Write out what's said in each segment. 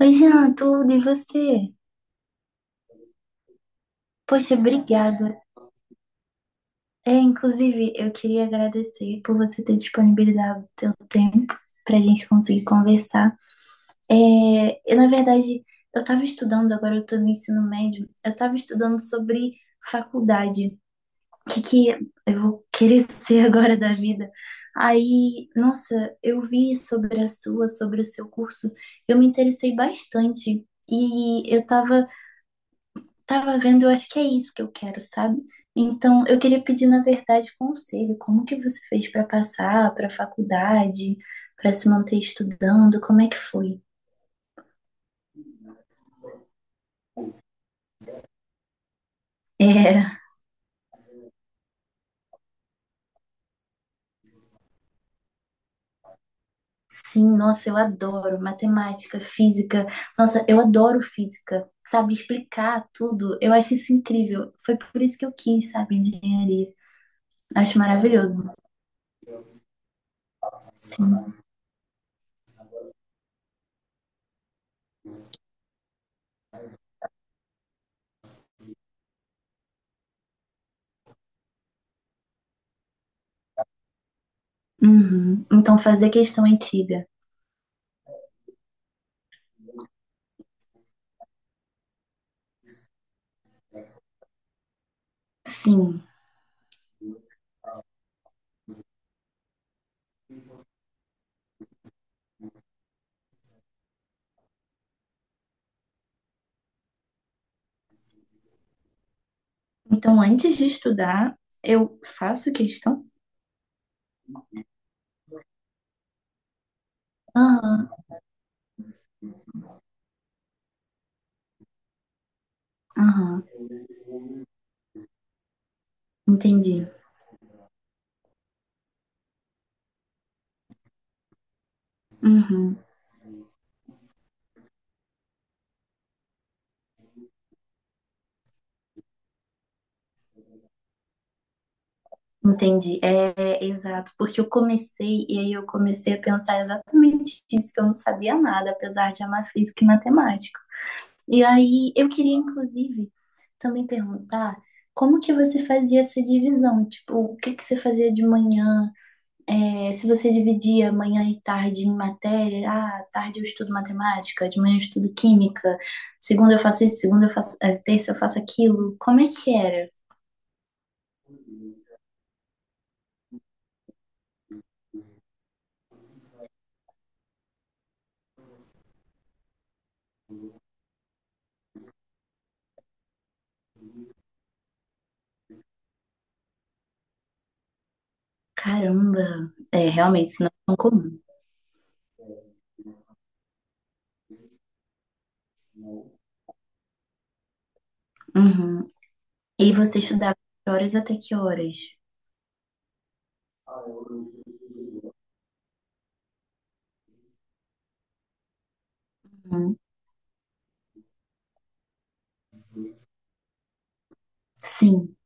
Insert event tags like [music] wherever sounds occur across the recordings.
Oi, Jean, tudo e você? Poxa, obrigada. É, inclusive, eu queria agradecer por você ter disponibilizado o seu tempo para a gente conseguir conversar. É, eu, na verdade, eu estava estudando, agora eu estou no ensino médio, eu estava estudando sobre faculdade, o que que eu vou querer [laughs] ser agora da vida. Aí, nossa, eu vi sobre o seu curso, eu me interessei bastante. E eu estava tava vendo, eu acho que é isso que eu quero, sabe? Então, eu queria pedir, na verdade, conselho. Como que você fez para passar para a faculdade, para se manter estudando? Como é que foi? É, sim, nossa, eu adoro matemática, física. Nossa, eu adoro física, sabe? Explicar tudo. Eu acho isso incrível. Foi por isso que eu quis, sabe, engenharia. Acho maravilhoso. Sim. Uhum. Então, fazer questão antiga. Sim. Então, antes de estudar, eu faço questão. Aham, aham, entendi. Uhum, entendi. É, é, exato, porque eu comecei e aí eu comecei a pensar exatamente isso, que eu não sabia nada, apesar de amar física e matemática. E aí eu queria, inclusive, também perguntar como que você fazia essa divisão? Tipo, o que que você fazia de manhã? É, se você dividia manhã e tarde em matéria, ah, tarde eu estudo matemática, de manhã eu estudo química, segunda eu faço isso, segunda eu faço, terça eu faço aquilo. Como é que era? Caramba! É, realmente, isso não é tão comum. Uhum. E você estudava de horas até que horas? Uhum. Sim.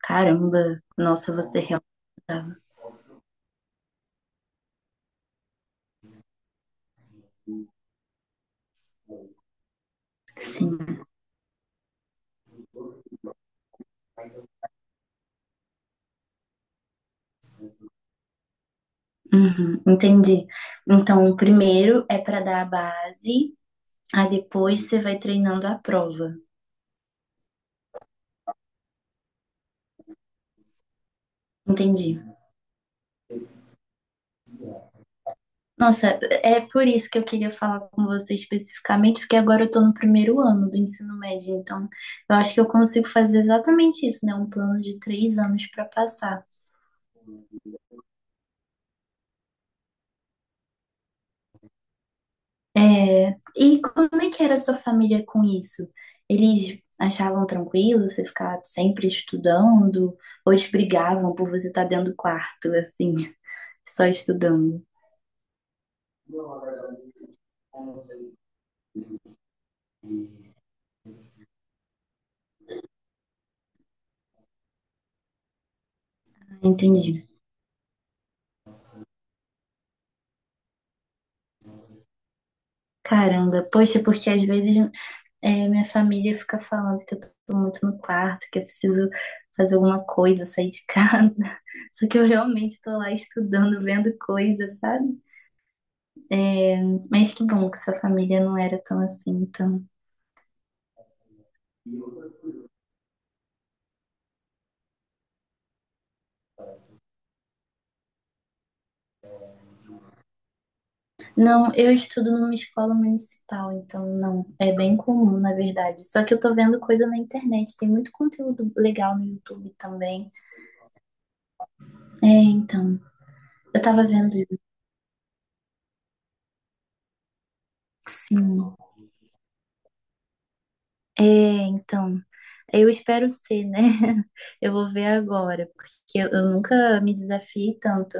Caramba! Nossa, você realmente estudava. Sim. Uhum. Entendi. Então, o primeiro é para dar a base, aí depois você vai treinando a prova. Entendi. Nossa, é por isso que eu queria falar com você especificamente, porque agora eu tô no 1º ano do ensino médio, então eu acho que eu consigo fazer exatamente isso, né? Um plano de 3 anos para passar. É, e como é que era a sua família com isso? Eles achavam tranquilo você ficar sempre estudando? Ou eles brigavam por você estar dentro do quarto, assim, [laughs] só estudando? Entendi. Caramba, poxa, porque às vezes minha família fica falando que eu tô muito no quarto, que eu preciso fazer alguma coisa, sair de casa. [laughs] Só que eu realmente tô lá estudando, vendo coisas, sabe? É, mas que bom que sua família não era tão assim, então. Não, eu estudo numa escola municipal, então não, é bem comum, na verdade. Só que eu tô vendo coisa na internet, tem muito conteúdo legal no YouTube também. É, então, eu tava vendo isso, sim. É, então, eu espero ser, né? [laughs] Eu vou ver agora, porque eu nunca me desafiei tanto.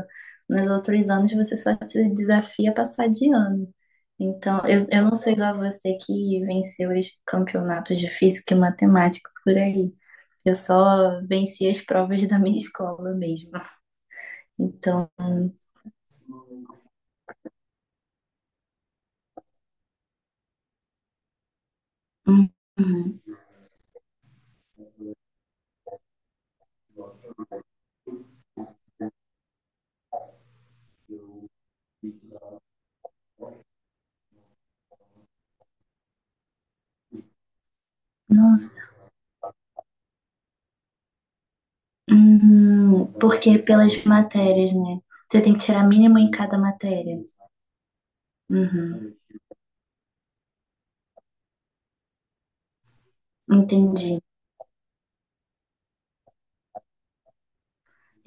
Nos outros anos você só se desafia a passar de ano. Então, eu não sei igual a você que venceu os campeonatos de física e matemática por aí. Eu só venci as provas da minha escola mesmo. Então, hum, hum, nossa, porque pelas matérias, né? Você tem que tirar mínimo em cada matéria. Uhum, entendi.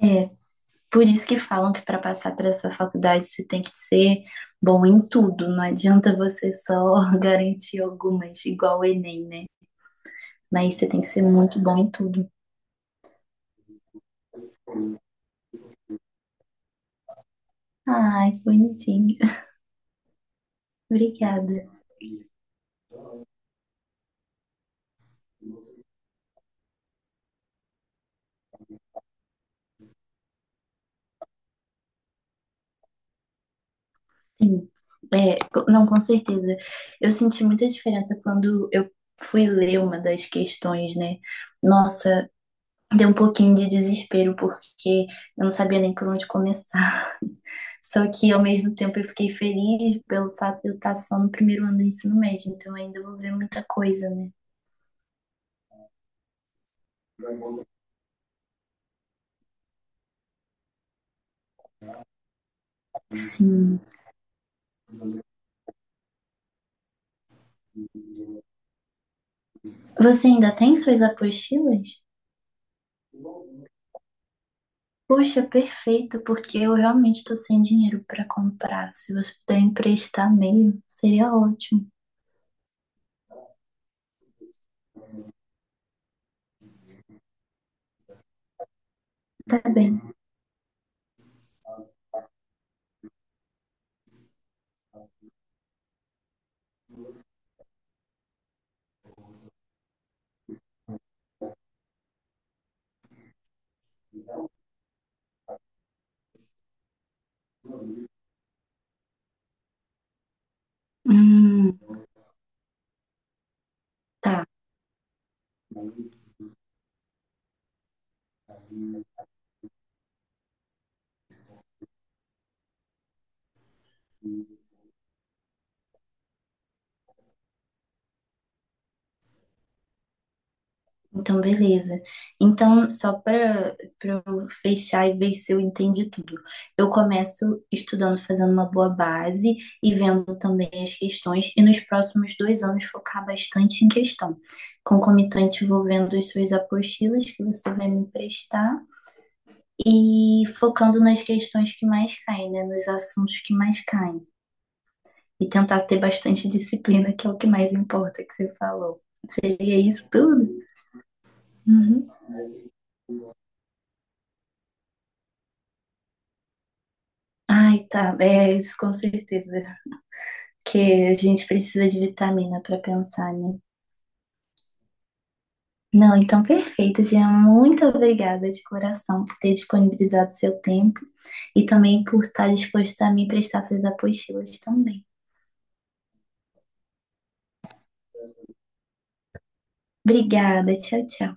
É, por isso que falam que para passar para essa faculdade você tem que ser bom em tudo. Não adianta você só [laughs] garantir algumas, igual o Enem, né? Mas você tem que ser muito bom em tudo. Ai, que bonitinho. [laughs] Obrigada. Sim, não, com certeza. Eu senti muita diferença quando eu fui ler uma das questões, né? Nossa, deu um pouquinho de desespero porque eu não sabia nem por onde começar. [laughs] Só que ao mesmo tempo eu fiquei feliz pelo fato de eu estar só no 1º ano do ensino médio, então ainda vou ver muita coisa, né? Sim. Você ainda tem suas apostilas? Poxa, perfeito, porque eu realmente estou sem dinheiro para comprar. Se você puder emprestar meio, seria ótimo. Tá bem. Hum, tá. Então, beleza. Então, só para eu fechar e ver se eu entendi tudo. Eu começo estudando, fazendo uma boa base e vendo também as questões, e nos próximos 2 anos focar bastante em questão. Concomitante, vou vendo as suas apostilas que você vai me emprestar e focando nas questões que mais caem, né? Nos assuntos que mais caem. E tentar ter bastante disciplina, que é o que mais importa, que você falou. Seria isso tudo? Uhum. Ai, tá. É isso com certeza. Porque a gente precisa de vitamina para pensar, né? Não, então perfeito, Jean. Muito obrigada de coração por ter disponibilizado seu tempo e também por estar disposta a me prestar suas apostilas também. Obrigada, tchau, tchau.